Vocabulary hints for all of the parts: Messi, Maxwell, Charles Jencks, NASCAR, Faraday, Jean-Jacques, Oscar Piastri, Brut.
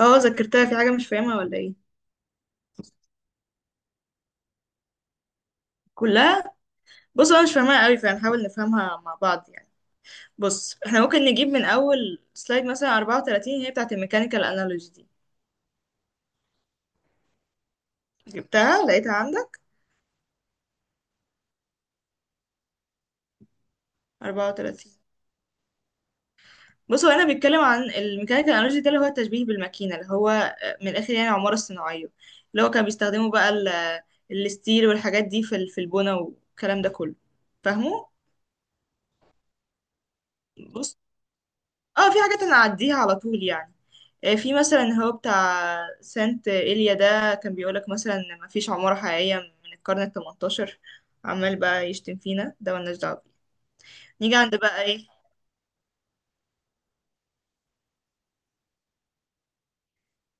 اه، ذاكرتها في حاجة مش فاهمها ولا ايه؟ كلها. بص انا مش فاهمها قوي فهنحاول نفهمها مع بعض يعني. بص احنا ممكن نجيب من اول سلايد مثلا 34، هي بتاعت الميكانيكال انالوجي دي. جبتها لقيتها عندك. 34. بص هو هنا بيتكلم عن الميكانيكال انالوجي ده اللي هو التشبيه بالماكينة اللي هو من الاخر يعني العمارة الصناعية، اللي هو كانوا بيستخدموا بقى الستيل والحاجات دي في البنا والكلام ده كله، فاهمه. بص اه في حاجات انا اعديها على طول يعني. في مثلا هو بتاع سانت إيليا ده، كان بيقولك مثلا إن مفيش عمارة حقيقية من القرن التمنتاشر، عمال بقى يشتم فينا، ده ملناش دعوة بيه. نيجي عند بقى ايه،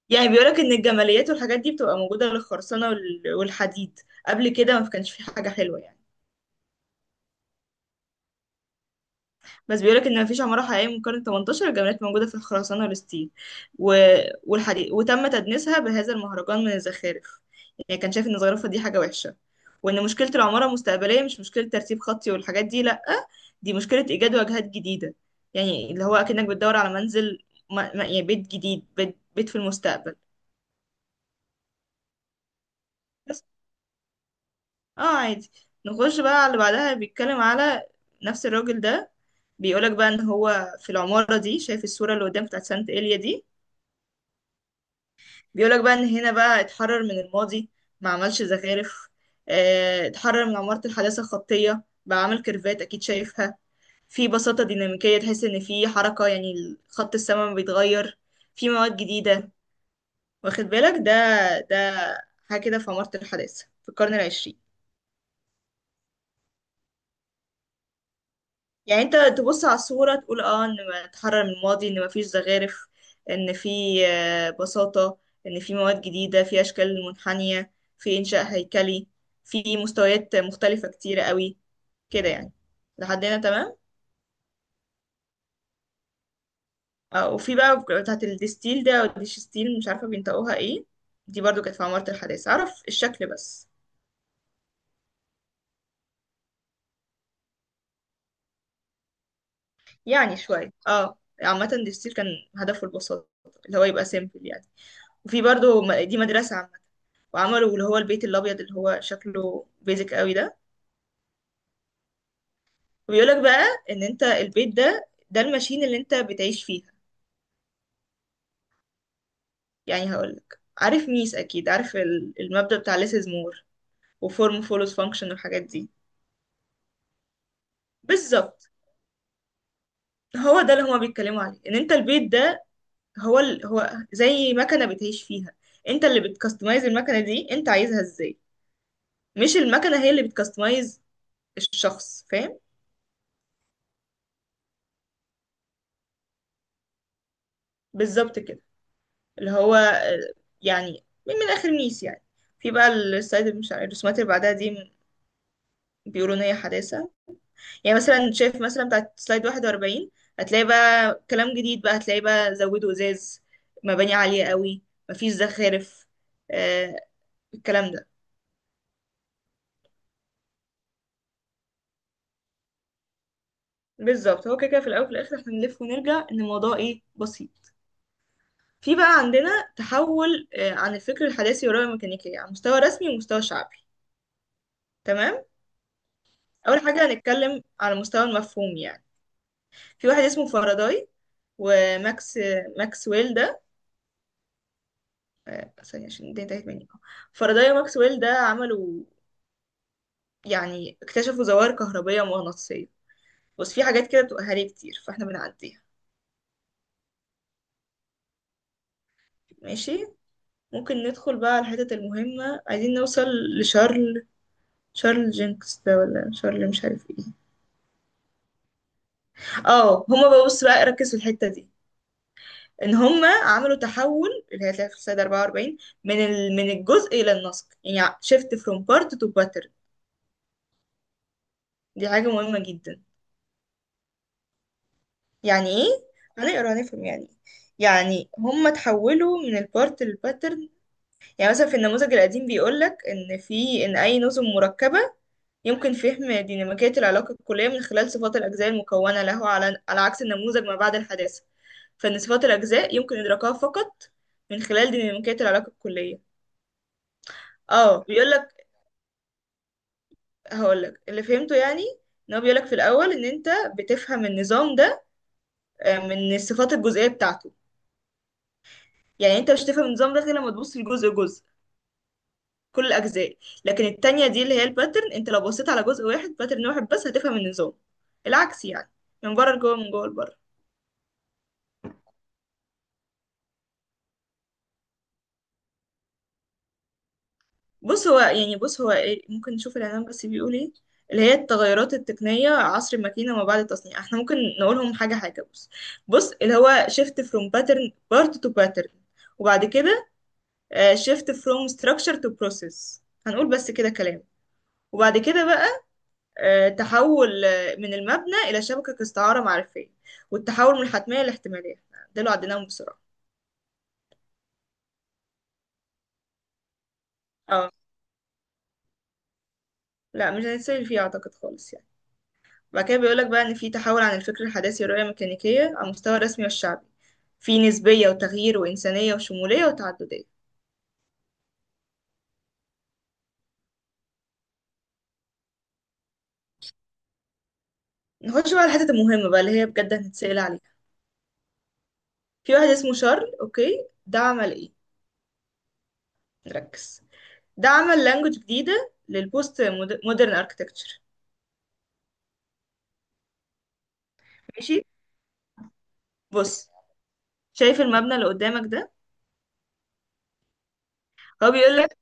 يعني بيقولك إن الجماليات والحاجات دي بتبقى موجودة للخرسانة والحديد، قبل كده ما كانش في حاجة حلوة يعني. بس بيقولك ان مفيش عمارة حقيقية من القرن 18، الجمالات موجودة في الخرسانة والستيل و... والحديد، وتم تدنيسها بهذا المهرجان من الزخارف. يعني كان شايف ان الزخرفة دي حاجة وحشة، وان مشكلة العمارة المستقبلية مش مشكلة ترتيب خطي والحاجات دي، لأ، دي مشكلة ايجاد واجهات جديدة. يعني اللي هو اكنك بتدور على منزل، ما... ما... يعني بيت جديد، بيت في المستقبل. بس. اه عادي. نخش بقى على اللي بعدها، بيتكلم على نفس الراجل ده. بيقولك بقى ان هو في العمارة دي شايف الصورة اللي قدام بتاعت سانت إيليا دي، بيقولك بقى ان هنا بقى اتحرر من الماضي، ما عملش زخارف، اتحرر من عمارة الحداثة الخطية، بقى عامل كيرفات اكيد شايفها، في بساطة ديناميكية، تحس ان في حركة، يعني خط السماء بيتغير، في مواد جديدة، واخد بالك ده؟ ده حاجة كده في عمارة الحداثة في القرن العشرين. يعني انت تبص على الصورة تقول اه ان ما اتحرر من الماضي، ان ما فيش زخارف، ان في بساطة، ان في مواد جديدة، في اشكال منحنية، في انشاء هيكلي، في مستويات مختلفة كتيرة قوي، كده يعني. لحد هنا تمام. اه، وفي بقى بتاعة الدستيل ده او الديشستيل، مش عارفة بينطقوها ايه، دي برضو كانت في عمارة الحداثة، اعرف الشكل بس. يعني شوية اه، عامة الدستيل كان هدفه البساطة، اللي هو يبقى سيمبل يعني. وفي برضو دي مدرسة، وعملوا اللي هو البيت الابيض اللي هو شكله بيزك قوي ده. وبيقولك بقى ان انت البيت ده، ده الماشين اللي انت بتعيش فيها. يعني هقولك، عارف ميس اكيد، عارف المبدأ بتاع less is more، وفورم follows function والحاجات دي. بالظبط، هو ده اللي هما بيتكلموا عليه، ان انت البيت ده هو زي مكنه بتعيش فيها. انت اللي بتكستمايز المكنه دي انت عايزها ازاي، مش المكنه هي اللي بتكستمايز الشخص، فاهم؟ بالظبط كده. اللي هو يعني من اخر ميس يعني. في بقى السلايد اللي مش عارف الرسومات اللي بعدها دي، بيقولوا ان هي حداثه، يعني مثلا شايف مثلا بتاعت سلايد 41، هتلاقي بقى كلام جديد، بقى هتلاقي بقى زودوا ازاز، مباني عاليه قوي، مفيش زخارف، آه الكلام ده. بالظبط، هو كده كده في الاول وفي الاخر احنا بنلف ونرجع ان الموضوع ايه، بسيط. في بقى عندنا تحول عن الفكر الحداثي والرؤية الميكانيكية على مستوى رسمي ومستوى شعبي، تمام. أول حاجة هنتكلم على مستوى المفهوم يعني. في واحد اسمه فاراداي وماكس ماكسويل ده. ثانية عشان الدنيا انتهت مني. فاراداي وماكسويل ده عملوا، يعني اكتشفوا ظواهر كهربية مغناطيسية، بس في حاجات كده بتبقى هري كتير فاحنا بنعديها. ماشي. ممكن ندخل بقى على الحتت المهمة، عايزين نوصل لشارل، شارل جينكس ده ولا شارل مش عارف ايه. اه هما بقى، بص بقى ركز في الحتة دي، ان هما عملوا تحول اللي هي هتلاقيها في السلايد 44، من الجزء الى النسق، يعني shift from part to pattern. دي حاجة مهمة جدا. يعني ايه؟ هنقرا نفهم يعني. يعني هم تحولوا من البارت للباترن. يعني مثلا في النموذج القديم بيقول لك ان اي نظم مركبه يمكن فهم ديناميكيه العلاقه الكليه من خلال صفات الاجزاء المكونه له، على عكس النموذج ما بعد الحداثه، فان صفات الاجزاء يمكن ادراكها فقط من خلال ديناميكيه العلاقه الكليه. اه بيقول لك، هقول لك اللي فهمته يعني. ان هو بيقول لك في الاول ان انت بتفهم النظام ده من الصفات الجزئيه بتاعته. يعني انت مش هتفهم النظام ده غير لما تبص لجزء جزء، كل الاجزاء. لكن التانية دي اللي هي الباترن، انت لو بصيت على جزء واحد، باترن واحد بس، هتفهم النظام، العكس يعني، من بره لجوه، من جوه لبره. بص هو يعني، بص هو ايه، ممكن نشوف الاعلان بس بيقول ايه. اللي هي التغيرات التقنية عصر الماكينة وما بعد التصنيع، احنا ممكن نقولهم حاجة حاجة. بص، بص اللي هو shift from pattern part to pattern، وبعد كده shift from structure to process، هنقول بس كده كلام. وبعد كده بقى تحول من المبنى إلى شبكة استعارة معرفية، والتحول من الحتمية للاحتمالية، ده اللي عديناهم بسرعة. اه، لا مش هنتسال فيه أعتقد، خالص يعني. بعد كده بيقولك بقى إن في تحول عن الفكر الحداثي والرؤية الميكانيكية على المستوى الرسمي والشعبي، في نسبية وتغيير وإنسانية وشمولية وتعددية. نخش بقى على الحتت المهمة بقى اللي هي بجد هنتسأل عليها. في واحد اسمه شارل، أوكي، ده عمل إيه؟ ركز. ده عمل لانجوج جديدة للبوست مودرن اركتكتشر. ماشي، بص، شايف المبنى اللي قدامك ده؟ هو بيقول لك،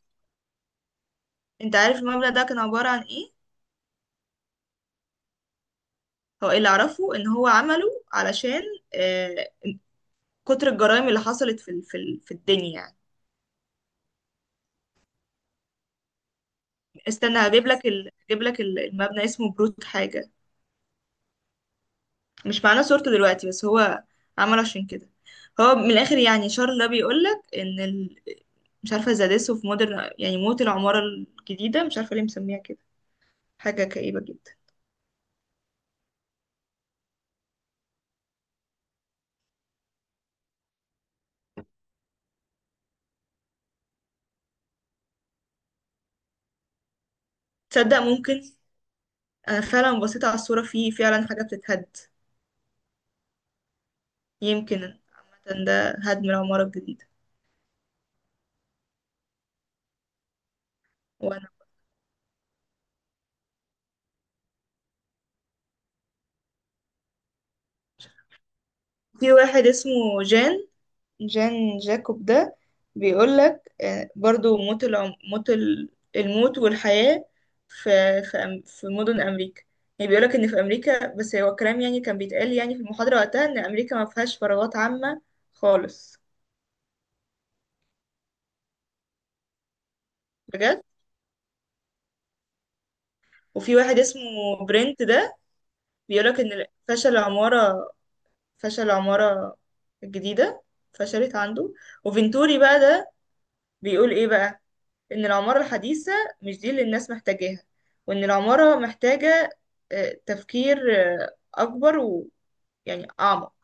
انت عارف المبنى ده كان عبارة عن ايه؟ هو اللي اعرفه ان هو عمله علشان آه، كتر الجرائم اللي حصلت في الدنيا يعني. استنى هجيب لك المبنى اسمه بروت حاجة، مش معانا صورته دلوقتي، بس هو عمله عشان كده. هو من الاخر يعني شارل ده بيقول لك ان مش عارفة زادسو في مودرن، يعني موت العمارة الجديدة، مش عارفة ليه مسميها كده، حاجة كئيبة جدا. تصدق ممكن، انا فعلا بصيت على الصورة في فعلا حاجة بتتهد. يمكن. عامة ده هدم العمارة الجديدة. وانا. في واحد اسمه جان جان جاكوب ده، بيقولك برضو موت الموت والحياة في في مدن أمريكا. يعني بيقولك إن في أمريكا، بس هو كلام يعني كان بيتقال يعني في المحاضرة وقتها، إن أمريكا ما فيهاش فراغات عامة خالص. بجد. وفي واحد اسمه برنت ده، بيقولك إن فشل فشل العمارة الجديدة، فشلت عنده. وفينتوري بقى ده بيقول ايه بقى، ان العمارة الحديثة مش دي اللي الناس محتاجاها، وان العمارة محتاجة تفكير اكبر، ويعني اعمق.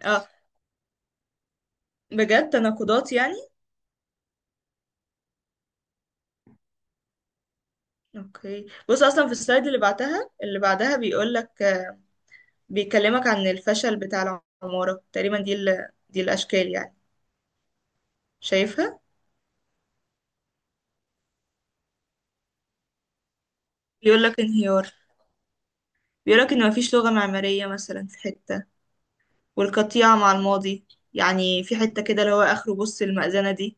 اه بجد، تناقضات يعني. اوكي، بص اصلا في السلايد اللي بعتها اللي بعدها بيقول لك، بيكلمك عن الفشل بتاع العمارة تقريبا، دي الاشكال يعني، شايفها. بيقول لك انهيار، بيقول لك ان مفيش لغة معمارية مثلا في حتة، والقطيعة مع الماضي. يعني في حتة كده اللي هو اخره، بص المأذنة دي.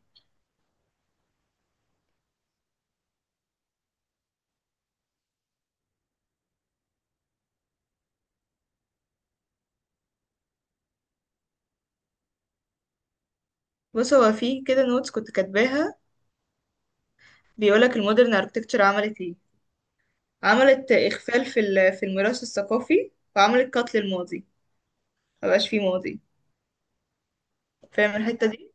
بص هو في كده نوتس كنت كاتباها، بيقولك المودرن اركتكتشر عملت ايه، عملت اخفال في الميراث الثقافي، وعملت قتل الماضي، مبقاش فيه ماضي، فاهم الحتة دي؟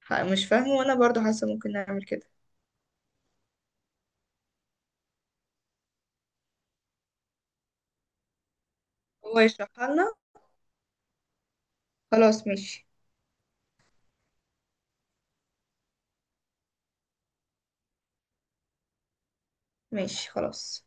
مش فاهمه، وانا برضو حاسة ممكن نعمل كده، هو يشرحها لنا. خلاص ماشي. ماشي خلاص.